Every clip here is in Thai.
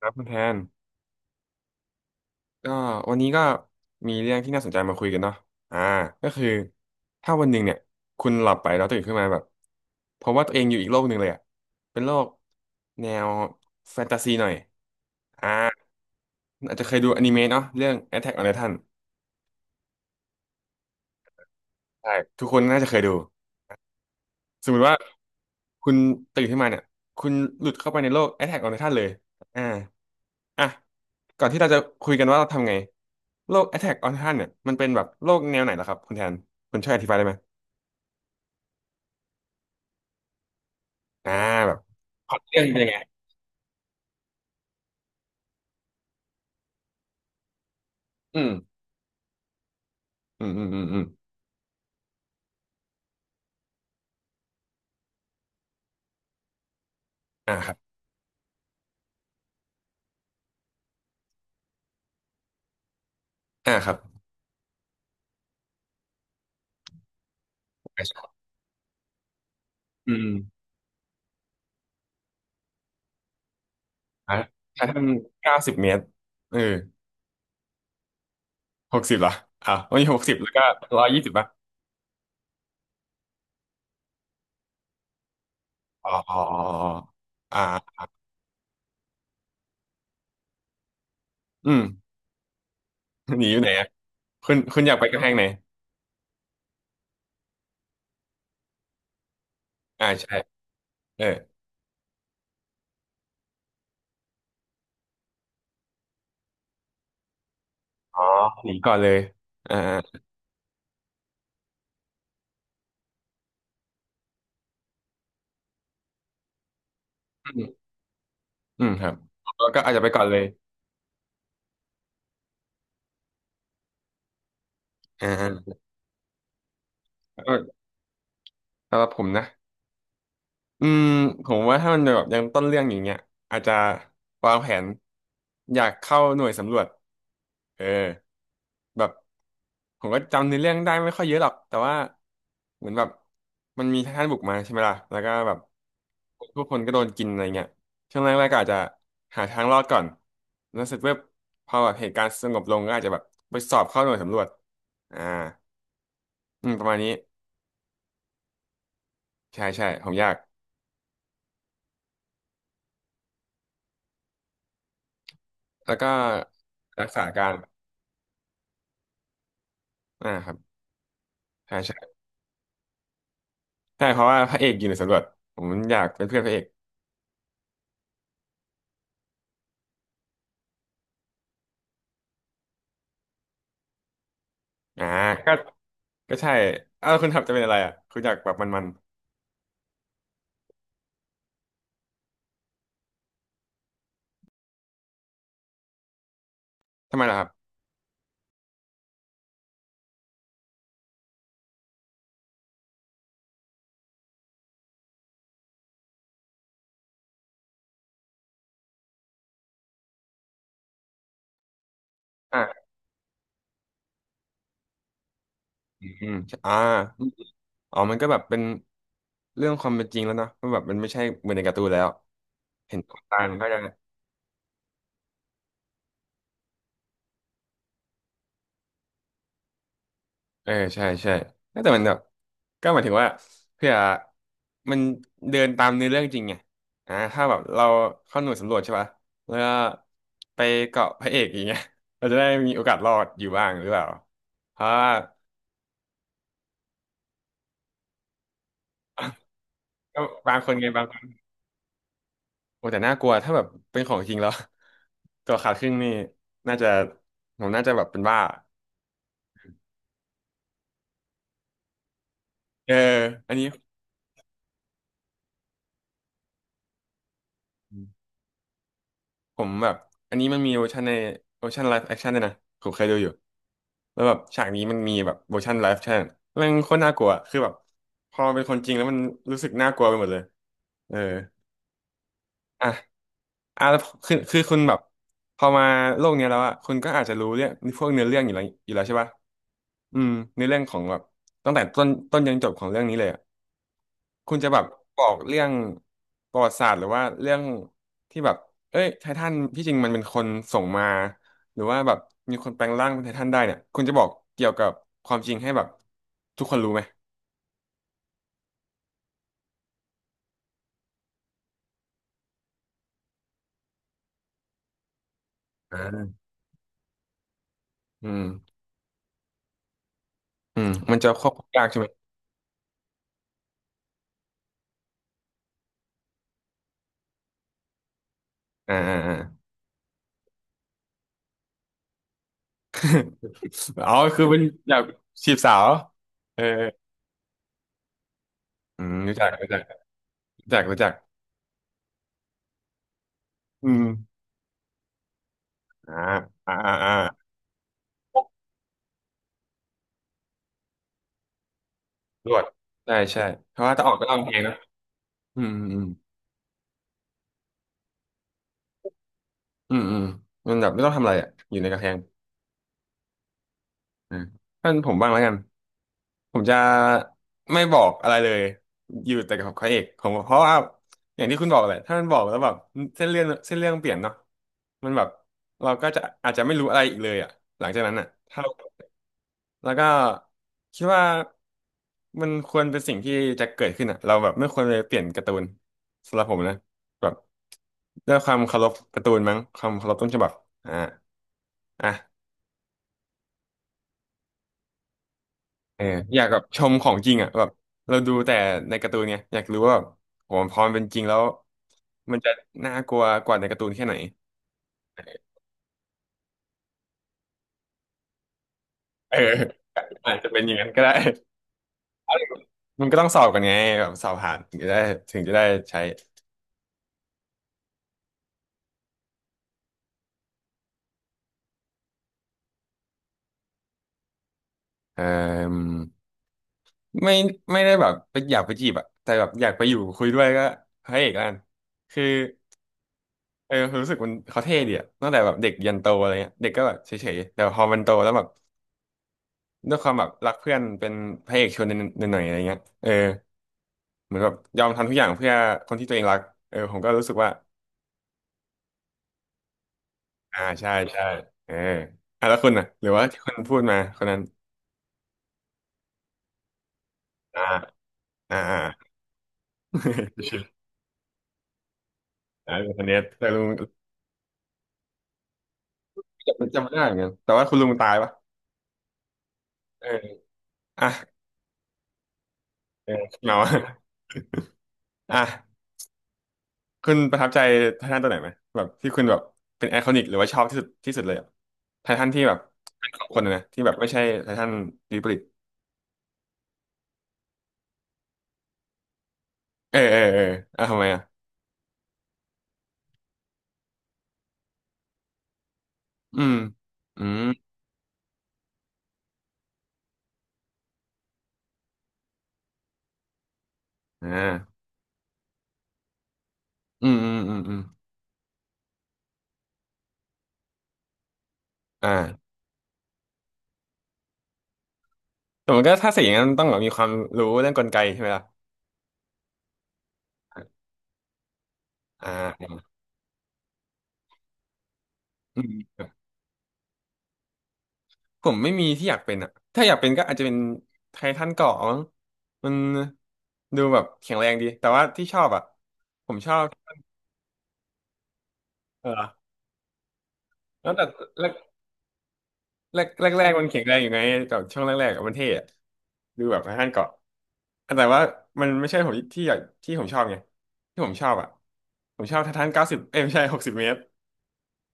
ครับคุณแทนก็วันนี้ก็มีเรื่องที่น่าสนใจมาคุยกันเนาะอ่าก็คือถ้าวันหนึ่งเนี่ยคุณหลับไปแล้วตื่นขึ้นมาแบบเพราะว่าตัวเองอยู่อีกโลกหนึ่งเลยอ่ะเป็นโลกแนวแฟนตาซีหน่อยอ่าอาจจะเคยดูอนิเมะเนาะเรื่อง Attack on Titan ใช่ทุกคนน่าจะเคยดูสมมติว่าคุณตื่นขึ้นมาเนี่ยคุณหลุดเข้าไปในโลก Attack on Titan เลยอ่า อ่ะก่อนที่เราจะคุยกันว่าเราทำไงโรค Attack on Titan เนี่ยมันเป็นแบบโรคแนวไหนเหรอครับคุณแทนคุณช่วยอธิบายได้ไหมอ่าแบบพล็อตเรื่องเป็นยังไงอืมอืมอืมอืมอืมอ่าครับอ่าครับไม่ใช่อืมอ่าถ้าท่าน90 เมตรเออหกสิบเหรออ่าวันนี้หกสิบแล้วก็120ป่ะอ๋ออ๋ออ๋ออ๋ออ่าอืมหนีอยู่ไหนอะคุณอยากไปกำแพงไหนอ่าใช่เอออ๋อหนีก่อนเลยอ่าอืมอืมครับแล้วก็อาจจะไปก่อนเลย อ่าแล้วก็สำหรับผมนะอืมผมว่าถ้ามันแบบยังต้นเรื่องอย่างเงี้ยอาจจะวางแผนอยากเข้าหน่วยสำรวจเออแบบผมก็จำในอเรื่องได้ไม่ค่อยเยอะหรอกแต่ว่าเหมือนแบบมันมีทหารบุกมาใช่ไหมล่ะแล้วก็แบบทุกคนก็โดนกินอะไรเงี้ยช่วงแรกๆก็อาจจะหาทางรอดก่อนแล้วรู้สึกว่าพอแบบเหตุการณ์สงบลงก็อาจจะแบบไปสอบเข้าหน่วยสำรวจอ่าอืมประมาณนี้ใช่ใช่ผมอยาก แล้วก็รักษาการอ่าครับใช่ใช่ใช่เพราะว่าพระเอกอยู่ในสำรวจผมอยากเป็นเพื่อนพระเอกอ่าก็ก็ใช่เอ้าคุณทับจะเป็นอะไรอ่ะคุณอยากแบบมันๆทำไมล่ะครับอ่าอืมอ่าอ๋อมันก็แบบเป็นเรื่องความเป็นจริงแล้วเนอะมันแบบมันไม่ใช่เหมือนในการ์ตูนแล้วเห็นตามันก็จะ เออใช่ใช่ แต่มันแบบก็หมายถึงว่าเพื่อมันเดินตามเนื้อเรื่องจริงไงอ่าถ้าแบบเราเข้าหน่วยสำรวจใช่ปะแล้วก็ไปเกาะพระเอกอย่างเงี้ย เราจะได้มีโอกาสรอดอยู่บ้างหรือเปล่าเพราะว่า ก็บางคนไงบางคนโอ้แต่น่ากลัวถ้าแบบเป็นของจริงแล้ว ตัวขาดครึ่งนี่น่าจะผมน่าจะแบบเป็นบ้าเอออันนี้ ผมแบบอันนี้มันมีเวอร์ชันในเวอร์ชันไลฟ์แอคชั่นด้วยนะผมเคยดูอยู่แล้วแบบฉากนี้มันมีแบบเวอร์ชันไลฟ์แอคชั่นม่งโคตรน่ากลัวอะคือแบบพอมันเป็นคนจริงแล้วมันรู้สึกน่ากลัวไปหมดเลยเอออ่ะอ่ะแล้วคือคุณแบบพอมาโลกเนี้ยแล้วอ่ะคุณก็อาจจะรู้เรื่องพวกเนื้อเรื่องอยู่แล้วอยู่แล้วใช่ปะอืมเนื้อเรื่องของแบบตั้งแต่ต้นต้นยันจบของเรื่องนี้เลยอะ คุณจะแบบบอกเรื่องประวัติศาสตร์หรือว่าเรื่องที่แบบเอ้ยไททันที่จริงมันเป็นคนส่งมาหรือว่าแบบมีคนแปลงร่างเป็นไททันได้เนี่ยคุณจะบอกเกี่ยวกับความจริงให้แบบทุกคนรู้ไหมอ่าอืมอืมมันจะควบคุมยากใช่ไหมอ่าอ่าอ่า อ๋อคือเป็นอยากจีบสาวเอออืมรู้จักรู้จักรู้จักรู้จักอืมอ่าอ่าอ่าอ่ารวดใช่ใช่เพราะว่าถ้าออกก็ต้องแพงเนอะอืมอืม อืมอืมมันแบบไม่ต้องทำอะไรอ่ะอยู่ในกระแพงอ่าท่านผมบ้างแล้วกันผมจะไม่บอกอะไรเลยอยู่แต่กับพระเอกผมเพราะว่าอย่างที่คุณบอกแหละถ้ามันบอกแล้วแบบเส้นเรื่องเส้นเรื่องเปลี่ยนเนาะมันแบบเราก็จะอาจจะไม่รู้อะไรอีกเลยอ่ะหลังจากนั้นอ่ะถ้าเราแล้วก็คิดว่ามันควรเป็นสิ่งที่จะเกิดขึ้นอ่ะเราแบบไม่ควรไปเปลี่ยนการ์ตูนสำหรับผมนะแบบด้วยความเคารพการ์ตูนมั้งความเคารพต้นฉบับอ่าอ่ะ เอออยากแบบชมของจริงอ่ะแบบเราดูแต่ในการ์ตูนเนี่ยอยากรู้ว่าแบบโหพอมันเป็นจริงแล้วมันจะน่ากลัวกว่าในการ์ตูนแค่ไหนเอออาจจะเป็นอย่างนั้นก็ได้มันก็ต้องสอบกันไงแบบสอบผ่านถึงจะได้ถึงจะได้ใช้เอ่อไม่ไม่ได้แบบไปอยากไปจีบอะแต่แบบอยากไปอยู่คุยด้วยก็พระเอกแล้วกันคือเออรู้สึกมันเขาเท่ดีอะตั้งแต่แบบเด็กยันโตอะไรเงี้ยเด็กก็แบบเฉยๆแต่พอมันโตแล้วแบบ ด้วยความแบบรักเพื่อนเป็นพระเอกชวนหน่อยๆอะไรเงี้ยเออเหมือนแบบยอมทำทุกอย่างเพื่อคนที่ตัวเองรักเออผมก็รู้สึกว่าอ่าใช่ใช่เอออ่ะแล้วคุณน่ะหรือว่าที่คุณพูดมาคนนั้นอ่าอ่าอ่า ชื่ออ่าลุงธเนศแต่ลุงจำไม่ได้เหมือนกันแต่ว่าคุณลุงตายปะเอออ่ะเออเมา อะอ่ะคุณประทับใจไททันตัวไหนไหมแบบที่คุณแบบเป็นไอคอนิกหรือว่าชอบที่สุดที่สุดเลยอะไททันที่แบบเป็นของคนนะที่แบบไม่ใช่ไททันดีบริดเออเออเอออ่ะทำไมอ่ะ อืมอืมอ่าอืมอืมอืมอืมอ่าแต่มันก็ถ้าเสียอย่างนั้นมันต้องแบบมีความรู้เรื่องกลไกใช่ไหมล่ะอ่าอืมผมไม่มีที่อยากเป็นอ่ะถ้าอยากเป็นก็อาจจะเป็นไททันเกราะมั้งมันดูแบบแข็งแรงดี แต่ว่าที่ชอบอ่ะผมชอบเออแล้วแต่ แรกแรกแรกมันแข็งแรงอยู่ไงแต่ช่วงแรกๆอะมันเท่อะดูแบบไท่านเกาะแต่ว่ามันไม่ใช่ผมที่อยากที่ผมชอบไงที่ผมชอบอ่ะผมชอบไท่าทัน90เอ้ยไม่ใช่60 เมตร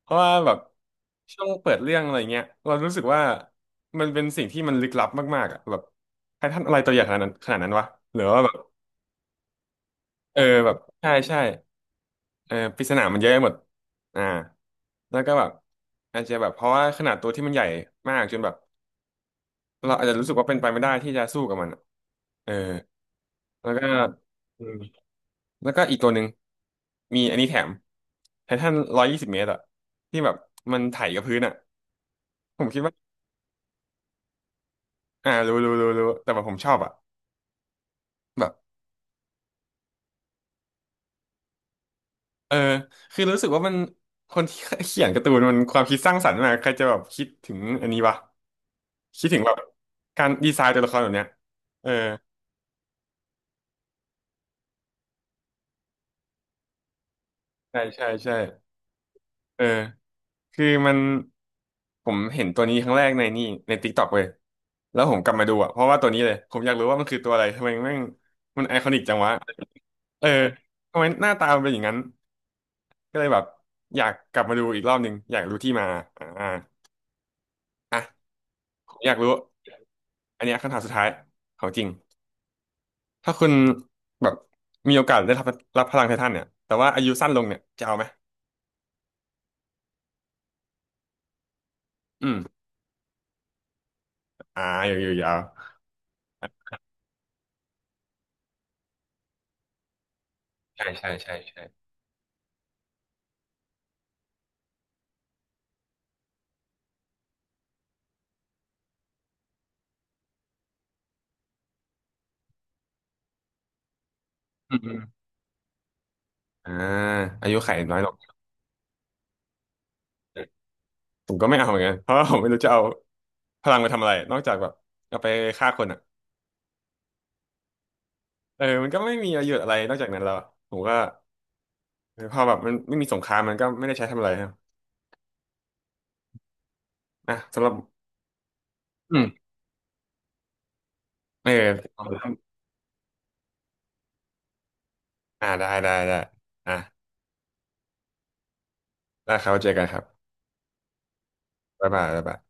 เพราะว่าแบบช่วงเปิดเรื่องอะไรเงี้ยเรารู้สึกว่ามันเป็นสิ่งที่มันลึกลับมากๆอ่ะแบบไททันอะไรตัวใหญ่ขนาดนั้นวะหรือว่าแบบเออแบบใช่ใช่เออปริศนามันเยอะไปหมดอ่าแล้วก็แบบอาจจะแบบเพราะว่าขนาดตัวที่มันใหญ่มากจนแบบ เราอาจจะรู้สึกว่าเป็นไปไม่ได้ที่จะสู้กับมันอะเออแล้วก็อืมแล้วก็อีกตัวหนึ่งมีอันนี้แถมไททัน120 เมตรอะที่แบบมันไถกับพื้นอะผมคิดว่าอ่ารู้รู้รู้รู้แต่แบบผมชอบอะแบบเออคือรู้สึกว่ามันคนที่เขียนการ์ตูนมันความคิดสร้างสรรค์มากใครจะแบบคิดถึงอันนี้วะคิดถึงแบบการดีไซน์ตัวละครแบบเนี้ยเออใช่ใช่ใช่เออ คือมันผมเห็นตัวนี้ครั้งแรกในนี่ใน TikTok เว้ยแล้วผมกลับมาดูอ่ะเพราะว่าตัวนี้เลยผมอยากรู้ว่ามันคือตัวอะไรทำไมแม่งมันไอคอนิกจังวะเออทำไมหน้าตามันเป็นอย่างนั้นก็เลยแบบอยากกลับมาดูอีกรอบหนึ่งอยากรู้ที่มาอ่าอ่ะผมอยากรู้อันเนี้ยคำถามสุดท้ายของจริงถ้าคุณแบบมีโอกาสได้รับรับพลังไททันเนี่ยแต่ว่าอายุสั้นลงเนี่ยจะเอาไหมอืมอ่าอยู่ยาวใช่ใช่ใช่ใช่อืมอมอ่าอายุไขน้อยลง ผมก็ไม่เอาเหมือนกันเพราะว่าผมไม่รู้จะเอาพลังไปทำอะไรนอกจากแบบเอาไปฆ่าคนอ่ะเออมันก็ไม่มีประโยชน์อะไรนอกจากนั้นแล้วอะผมก็เออพอแบบมันไม่มีสงครามมันก็ไม่ได้ใช้ทำอะไรครับนะสำหรับอืมเอออ่าได้ได้ได้อ่ะแล้วเขาเจอกันครับบ๊ายบายบ๊ายบาย